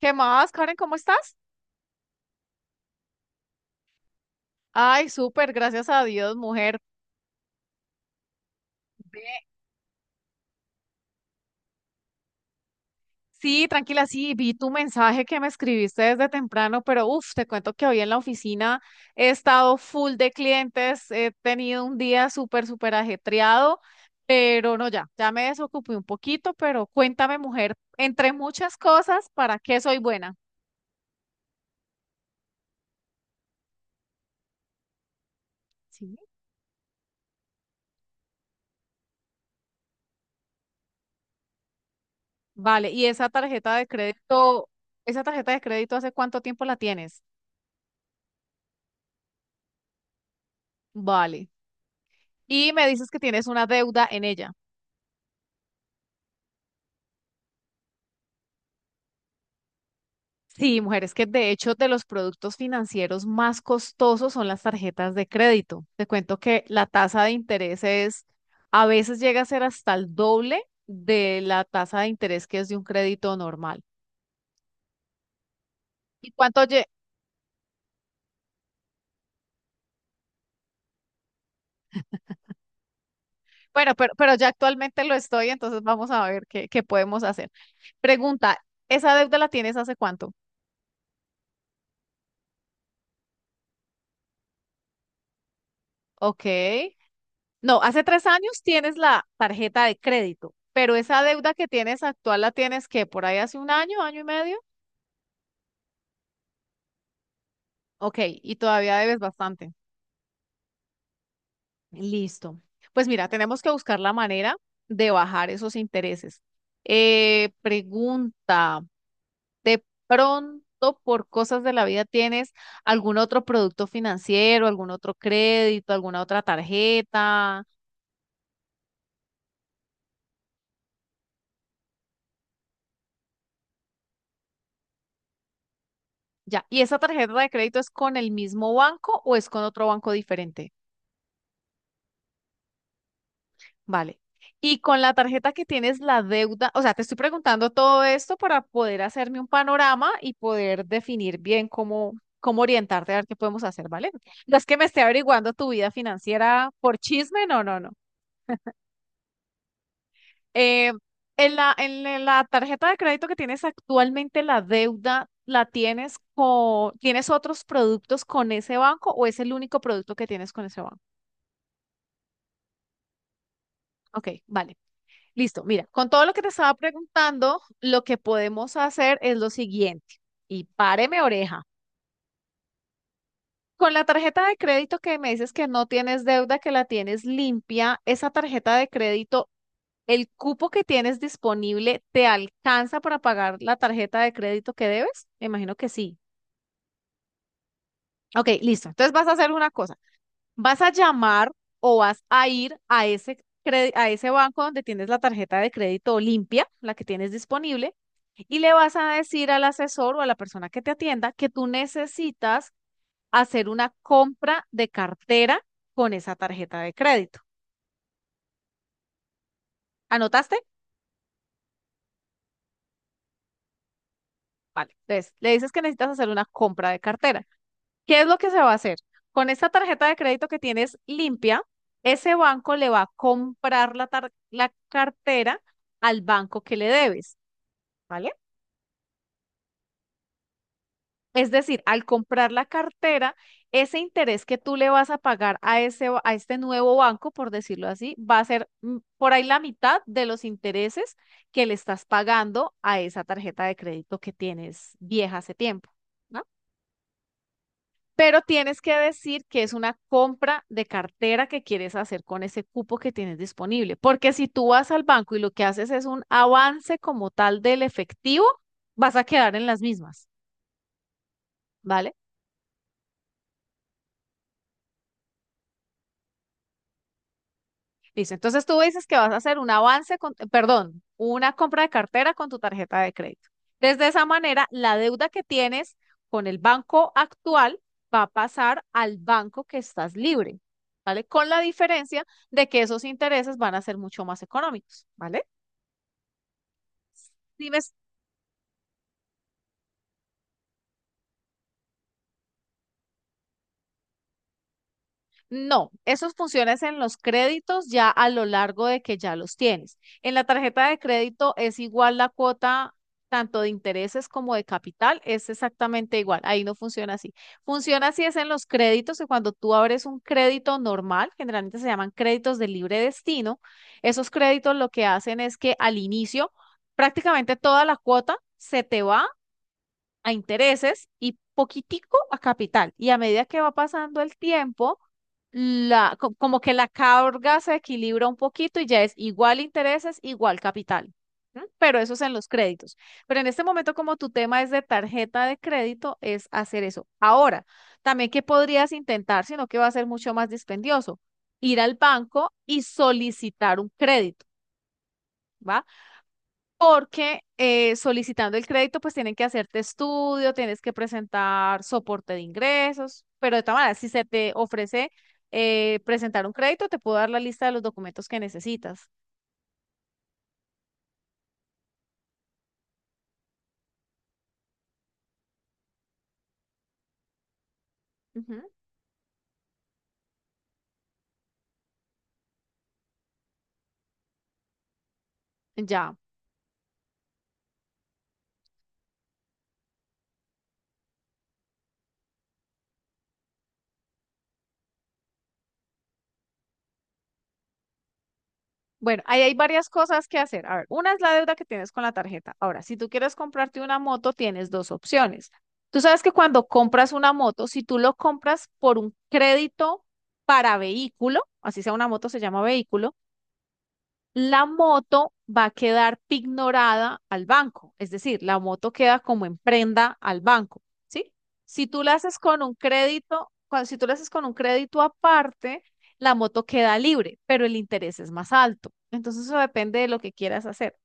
¿Qué más, Karen? ¿Cómo estás? Ay, súper, gracias a Dios, mujer. Ve- Sí, tranquila, sí, vi tu mensaje que me escribiste desde temprano, pero uff, te cuento que hoy en la oficina he estado full de clientes, he tenido un día súper, súper ajetreado, pero no, ya, ya me desocupé un poquito, pero cuéntame, mujer, entre muchas cosas, ¿para qué soy buena? Sí. Vale, ¿y esa tarjeta de crédito, esa tarjeta de crédito, hace cuánto tiempo la tienes? Vale. Y me dices que tienes una deuda en ella. Sí, mujeres, que de hecho de los productos financieros más costosos son las tarjetas de crédito. Te cuento que la tasa de interés es, a veces llega a ser hasta el doble de la tasa de interés que es de un crédito normal. ¿Y cuánto lle- Bueno, pero ya actualmente lo estoy, entonces vamos a ver qué, qué podemos hacer. Pregunta, ¿esa deuda la tienes hace cuánto? Ok. No, hace 3 años tienes la tarjeta de crédito, pero esa deuda que tienes actual la tienes que por ahí hace un año, año y medio. Ok, y todavía debes bastante. Listo. Pues mira, tenemos que buscar la manera de bajar esos intereses. Pregunta, ¿de pronto por cosas de la vida tienes algún otro producto financiero, algún otro crédito, alguna otra tarjeta? Ya, ¿y esa tarjeta de crédito es con el mismo banco o es con otro banco diferente? Vale. Y con la tarjeta que tienes la deuda, o sea, te estoy preguntando todo esto para poder hacerme un panorama y poder definir bien cómo, cómo orientarte a ver qué podemos hacer, ¿vale? No es que me esté averiguando tu vida financiera por chisme, no, no, no. Eh, en la, en la tarjeta de crédito que tienes actualmente, la deuda, ¿la tienes con, tienes otros productos con ese banco o es el único producto que tienes con ese banco? Ok, vale. Listo, mira, con todo lo que te estaba preguntando, lo que podemos hacer es lo siguiente, y páreme oreja. Con la tarjeta de crédito que me dices que no tienes deuda, que la tienes limpia, esa tarjeta de crédito, ¿el cupo que tienes disponible te alcanza para pagar la tarjeta de crédito que debes? Me imagino que sí. Ok, listo. Entonces vas a hacer una cosa. Vas a llamar o vas a ir a ese, a ese banco donde tienes la tarjeta de crédito limpia, la que tienes disponible, y le vas a decir al asesor o a la persona que te atienda que tú necesitas hacer una compra de cartera con esa tarjeta de crédito. ¿Anotaste? Vale. Entonces, le dices que necesitas hacer una compra de cartera. ¿Qué es lo que se va a hacer? Con esta tarjeta de crédito que tienes limpia, ese banco le va a comprar la, la cartera al banco que le debes, ¿vale? Es decir, al comprar la cartera, ese interés que tú le vas a pagar a ese, a este nuevo banco, por decirlo así, va a ser por ahí la mitad de los intereses que le estás pagando a esa tarjeta de crédito que tienes vieja hace tiempo, ¿no? Pero tienes que decir que es una compra de cartera que quieres hacer con ese cupo que tienes disponible, porque si tú vas al banco y lo que haces es un avance como tal del efectivo, vas a quedar en las mismas, ¿vale? Listo. Entonces tú dices que vas a hacer un avance con, perdón, una compra de cartera con tu tarjeta de crédito. Desde esa manera, la deuda que tienes con el banco actual va a pasar al banco que estás libre, ¿vale? Con la diferencia de que esos intereses van a ser mucho más económicos, ¿vale? Dime. No, esos funciones en los créditos ya a lo largo de que ya los tienes. En la tarjeta de crédito es igual la cuota tanto de intereses como de capital, es exactamente igual. Ahí no funciona así. Funciona así es en los créditos, que cuando tú abres un crédito normal, generalmente se llaman créditos de libre destino, esos créditos lo que hacen es que al inicio prácticamente toda la cuota se te va a intereses y poquitico a capital. Y a medida que va pasando el tiempo, la, como que la carga se equilibra un poquito y ya es igual intereses, igual capital. ¿M? Pero eso es en los créditos. Pero en este momento, como tu tema es de tarjeta de crédito, es hacer eso. Ahora, también que podrías intentar, sino que va a ser mucho más dispendioso, ir al banco y solicitar un crédito, ¿va? Porque solicitando el crédito, pues tienen que hacerte estudio, tienes que presentar soporte de ingresos, pero de todas maneras, si se te ofrece presentar un crédito, te puedo dar la lista de los documentos que necesitas. Ujú. Ya. Bueno, ahí hay varias cosas que hacer. A ver, una es la deuda que tienes con la tarjeta. Ahora, si tú quieres comprarte una moto, tienes dos opciones. Tú sabes que cuando compras una moto, si tú lo compras por un crédito para vehículo, así sea una moto, se llama vehículo, la moto va a quedar pignorada al banco, es decir, la moto queda como en prenda al banco, ¿sí? Si tú la haces con un crédito, cuando, si tú la haces con un crédito aparte, la moto queda libre, pero el interés es más alto. Entonces eso depende de lo que quieras hacer.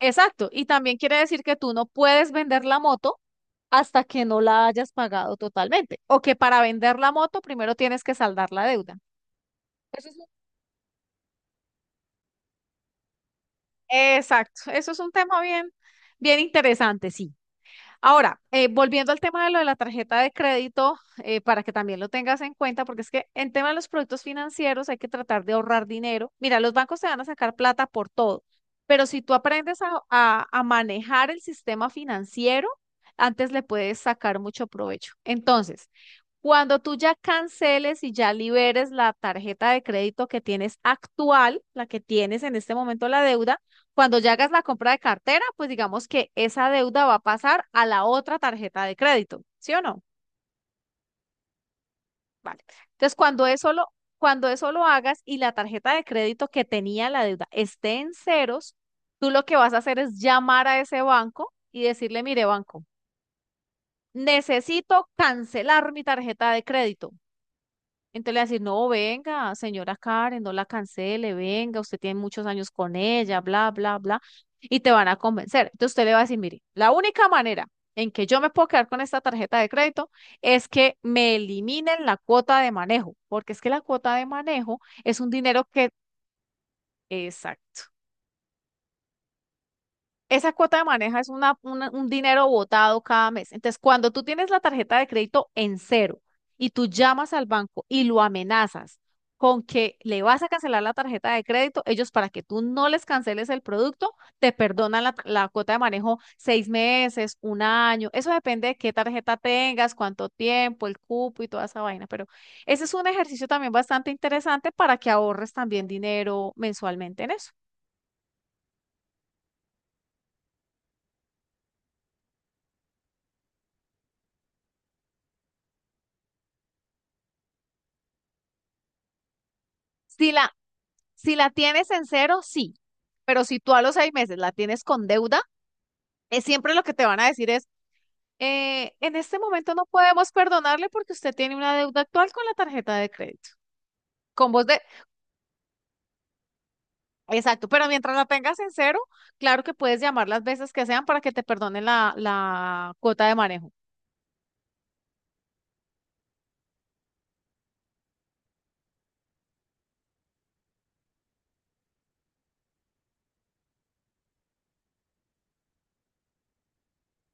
Exacto, y también quiere decir que tú no puedes vender la moto hasta que no la hayas pagado totalmente, o que para vender la moto primero tienes que saldar la deuda. Exacto, eso es un tema bien, bien interesante, sí. Ahora, volviendo al tema de lo de la tarjeta de crédito, para que también lo tengas en cuenta, porque es que en tema de los productos financieros hay que tratar de ahorrar dinero. Mira, los bancos te van a sacar plata por todo, pero si tú aprendes a, a manejar el sistema financiero, antes le puedes sacar mucho provecho. Entonces, cuando tú ya canceles y ya liberes la tarjeta de crédito que tienes actual, la que tienes en este momento la deuda, cuando ya hagas la compra de cartera, pues digamos que esa deuda va a pasar a la otra tarjeta de crédito, ¿sí o no? Vale. Entonces, cuando eso lo hagas y la tarjeta de crédito que tenía la deuda esté en ceros, tú lo que vas a hacer es llamar a ese banco y decirle, mire, banco, necesito cancelar mi tarjeta de crédito. Entonces le va a decir, no, venga, señora Karen, no la cancele, venga, usted tiene muchos años con ella, bla, bla, bla, y te van a convencer. Entonces usted le va a decir, mire, la única manera en que yo me puedo quedar con esta tarjeta de crédito es que me eliminen la cuota de manejo, porque es que la cuota de manejo es un dinero que, exacto, esa cuota de maneja es una, un dinero botado cada mes. Entonces, cuando tú tienes la tarjeta de crédito en cero y tú llamas al banco y lo amenazas con que le vas a cancelar la tarjeta de crédito, ellos para que tú no les canceles el producto, te perdonan la, la cuota de manejo 6 meses, un año. Eso depende de qué tarjeta tengas, cuánto tiempo, el cupo y toda esa vaina. Pero ese es un ejercicio también bastante interesante para que ahorres también dinero mensualmente en eso. Si la, Si la tienes en cero, sí, pero si tú a los 6 meses la tienes con deuda, es siempre lo que te van a decir es, en este momento no podemos perdonarle porque usted tiene una deuda actual con la tarjeta de crédito. Con vos de, exacto, pero mientras la tengas en cero, claro que puedes llamar las veces que sean para que te perdonen la, la cuota de manejo.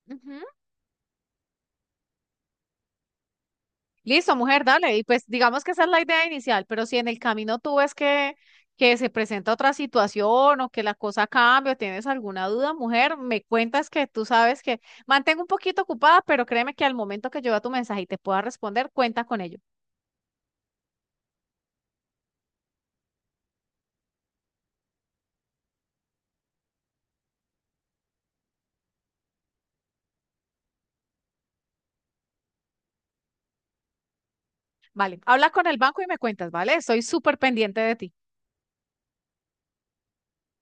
Ujú. Listo, mujer, dale. Y pues digamos que esa es la idea inicial, pero si en el camino tú ves que se presenta otra situación o que la cosa cambia o tienes alguna duda, mujer, me cuentas que tú sabes que mantengo un poquito ocupada, pero créeme que al momento que yo vea tu mensaje y te pueda responder, cuenta con ello. Vale, habla con el banco y me cuentas, ¿vale? Estoy súper pendiente de ti.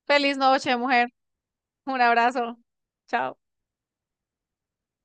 Feliz noche, mujer. Un abrazo. Chao.